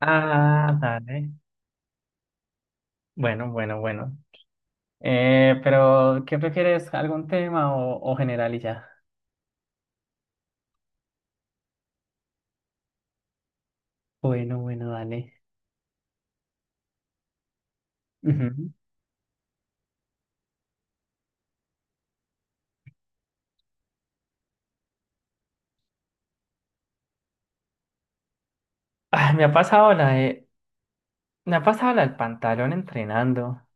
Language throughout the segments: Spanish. Dale. Bueno, bueno, bueno. Pero, ¿qué prefieres? ¿Algún tema o general y ya? Bueno, bueno, dale. Ujú. Ah, me ha pasado la del pantalón entrenando.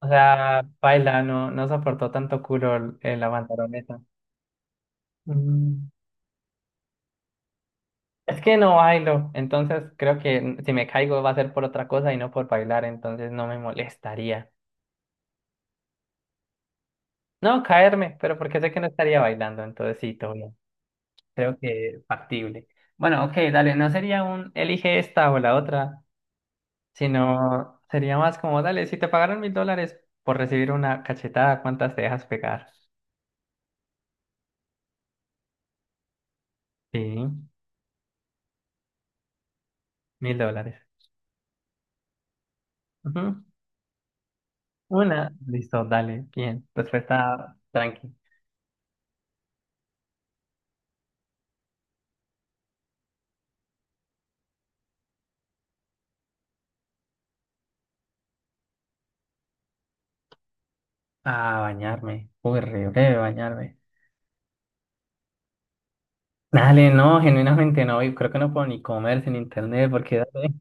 O sea, baila, no, no soportó tanto culo la pantaloneta. Mm. Es que no bailo, entonces creo que si me caigo va a ser por otra cosa y no por bailar, entonces no me molestaría. No, caerme, pero porque sé que no estaría bailando, entonces sí, todo bien. Creo que factible. Bueno, ok, dale, no sería un elige esta o la otra, sino sería más como, dale, si te pagaron $1,000 por recibir una cachetada, ¿cuántas te dejas pegar? Sí, $1,000. Ujú. Una, listo, dale, bien. Respuesta tranqui. A bañarme. Uy, re breve bañarme. Dale, no, genuinamente no, y creo que no puedo ni comer sin internet, porque dale.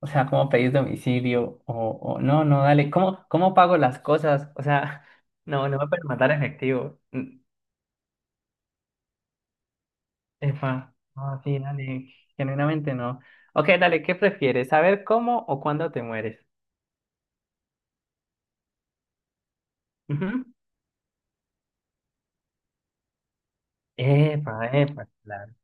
O sea, ¿cómo pedís domicilio? O no, no, dale, ¿cómo pago las cosas? O sea, no, no me puedes mandar efectivo. Mm. Epa, no, sí, dale, genuinamente no. Ok, dale, ¿qué prefieres? ¿Saber cómo o cuándo te mueres? Ujú. Epa, epa, claro.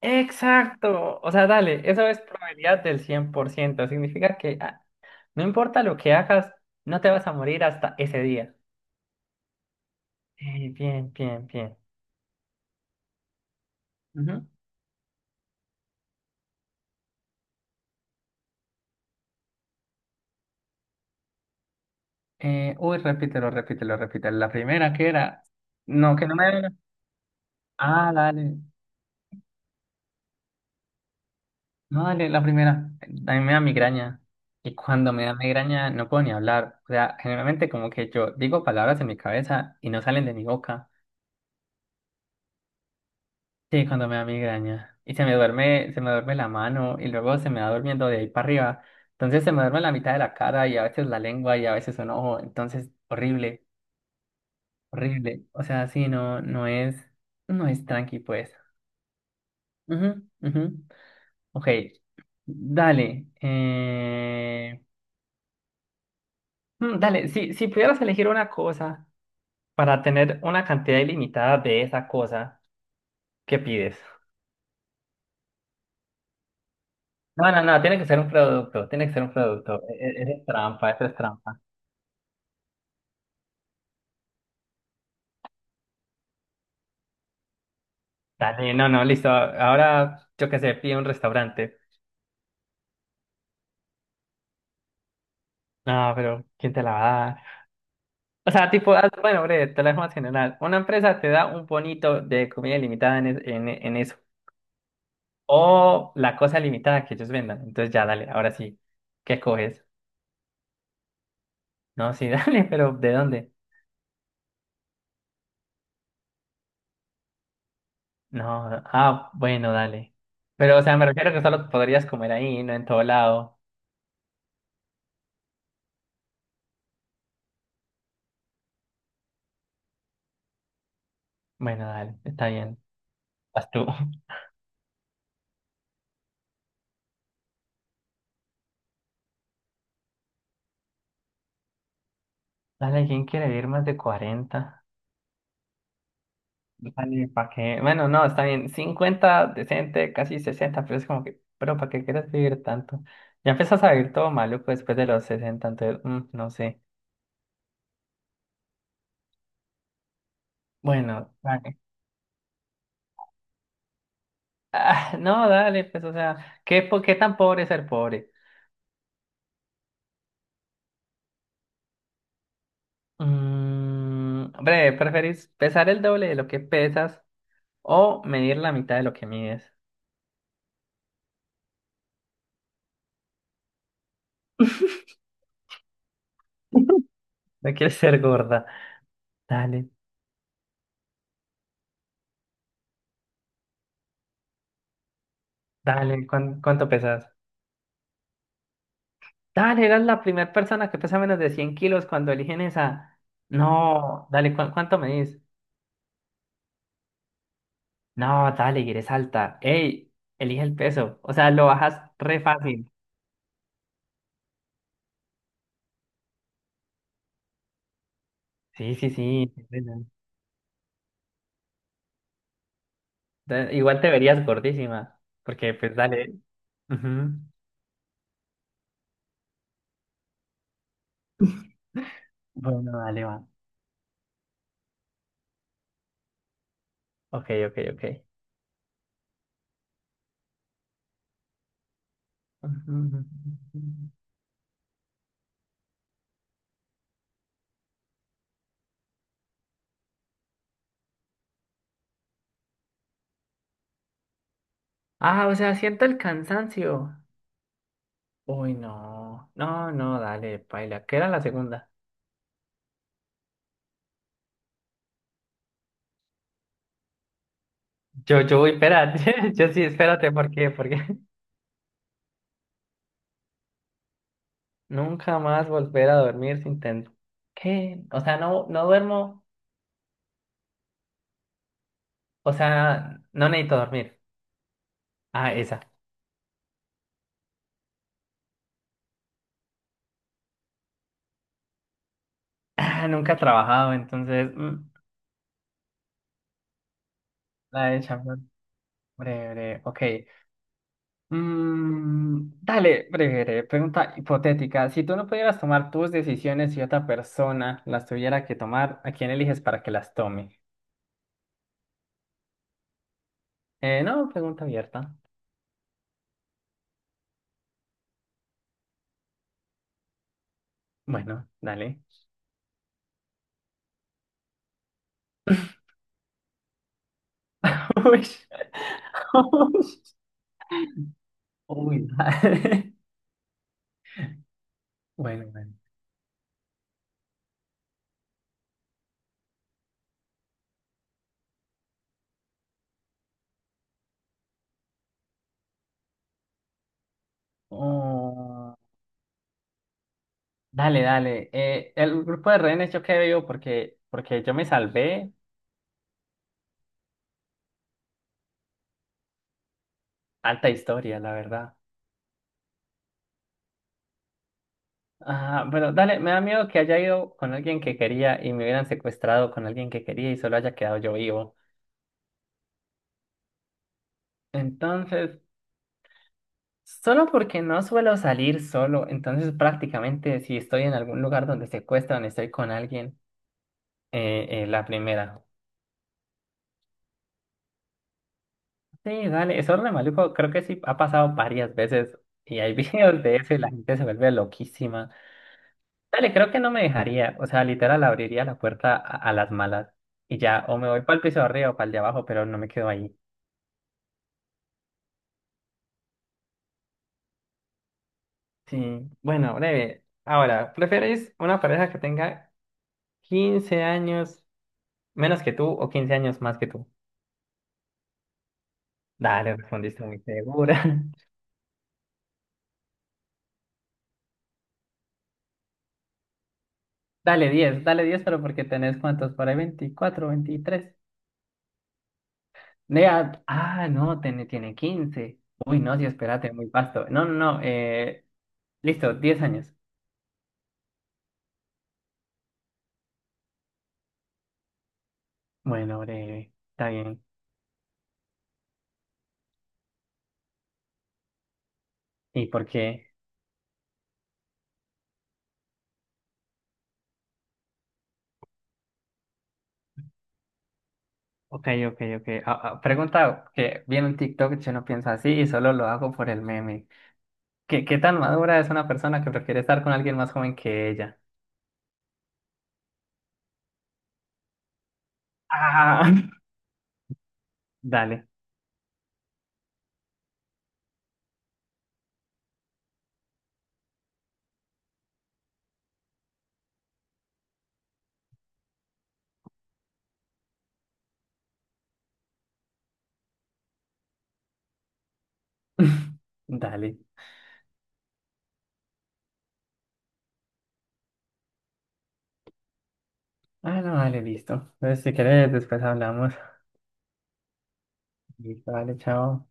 Exacto. O sea, dale, eso es probabilidad del 100%. Significa que no importa lo que hagas, no te vas a morir hasta ese día. Bien, bien, bien. Uy, repítelo, repítelo, repítelo. La primera que era. No, que no me da. Ah, dale. No, dale, la primera. A mí me da migraña. Y cuando me da migraña no puedo ni hablar. O sea, generalmente como que yo digo palabras en mi cabeza y no salen de mi boca. Sí, cuando me da migraña. Y se me duerme la mano y luego se me va durmiendo de ahí para arriba. Entonces se me duerme la mitad de la cara y a veces la lengua y a veces un ojo. Entonces, horrible, horrible. O sea, sí, no, no es tranqui, pues. Ujú, ujú. Ok, dale. Dale, si pudieras elegir una cosa para tener una cantidad ilimitada de esa cosa, ¿qué pides? No, no, no, tiene que ser un producto, tiene que ser un producto. Eres trampa, eso es trampa. Dale, no, no, listo. Ahora, yo qué sé, pide un restaurante. No, pero ¿quién te la va a dar? O sea, tipo, ah, bueno, breve, te la dejo más general. Una empresa te da un bonito de comida ilimitada en, es- en eso. O la cosa limitada que ellos vendan. Entonces ya, dale, ahora sí. ¿Qué coges? No, sí, dale, pero ¿de dónde? No, no, ah, bueno, dale. Pero, o sea, me refiero que solo podrías comer ahí, no en todo lado. Bueno, dale, está bien. Vas tú. Dale, ¿quién quiere vivir más de 40? Dale, ¿para qué? Bueno, no, está bien. 50 decente, casi 60, pero es como que, pero ¿para qué quieres vivir tanto? Ya empiezas a vivir todo maluco después de los 60 entonces, no sé. Bueno. Ah, no, dale, pues, o sea, ¿qué, qué tan pobre es ser pobre? Hombre, ¿preferís pesar el doble de lo que pesas o medir la mitad de lo que mides? No quieres ser gorda. Dale, dale, ¿cuánto pesas? Dale, eras la primera persona que pesa menos de 100 kilos cuando eligen esa. No, dale, ¿cuánto medís? No, dale, y eres alta. Ey, elige el peso. O sea, lo bajas re fácil. Sí, sí, sí. Sí, sí, sí. Igual te verías gordísima, porque pues dale. Ujú. Bueno, dale, va. Ok, ok, ok. Ujú. Ah, o sea, siento el cansancio. Uy, no. No, no, dale, paila. ¿Qué era la segunda? Yo voy, espérate. Yo sí, espérate, ¿por qué? Porque nunca más volver a dormir sin tener. ¿Qué? O sea, no, no duermo. O sea, no necesito dormir. Ah, esa. Ah, nunca he trabajado, entonces. La de champion. Breve, breve. Ok. Dale, breve, pregunta hipotética. Si tú no pudieras tomar tus decisiones y otra persona las tuviera que tomar, ¿a quién eliges para que las tome? No, pregunta abierta. Bueno, dale. Uy, uy, uy, dale. Bueno, bueno. Oh, dale, dale. El grupo de rehenes yo qué veo porque yo me salvé. Alta historia, la verdad. Ah, bueno, dale, me da miedo que haya ido con alguien que quería y me hubieran secuestrado con alguien que quería y solo haya quedado yo vivo. Entonces, solo porque no suelo salir solo, entonces prácticamente si estoy en algún lugar donde secuestran, estoy con alguien, la primera. Sí, dale, eso re maluco, creo que sí ha pasado varias veces y hay videos de eso y la gente se vuelve loquísima. Dale, creo que no me dejaría, o sea, literal abriría la puerta a las malas y ya, o me voy para el piso de arriba o para el de abajo, pero no me quedo ahí. Sí, bueno, breve. Ahora, ¿prefieres una pareja que tenga 15 años menos que tú o 15 años más que tú? Dale, respondiste muy segura. Dale 10, dale 10, pero porque tenés cuántos, por ahí 24, 23. Nea, ah, no, tiene 15. Uy, no, sí, espérate, muy vasto. No, no, no, listo, 10 años. Bueno, breve, está bien. ¿Y por qué? Ok, ok, ok. Ah, ah, pregunta que viene un TikTok, yo no pienso así y solo lo hago por el meme. ¿Qué tan madura es una persona que prefiere estar con alguien más joven que ella? Ah, Dale. Dale. Ah, no, dale, listo. Entonces, si quieres, después hablamos. Listo, dale, chao.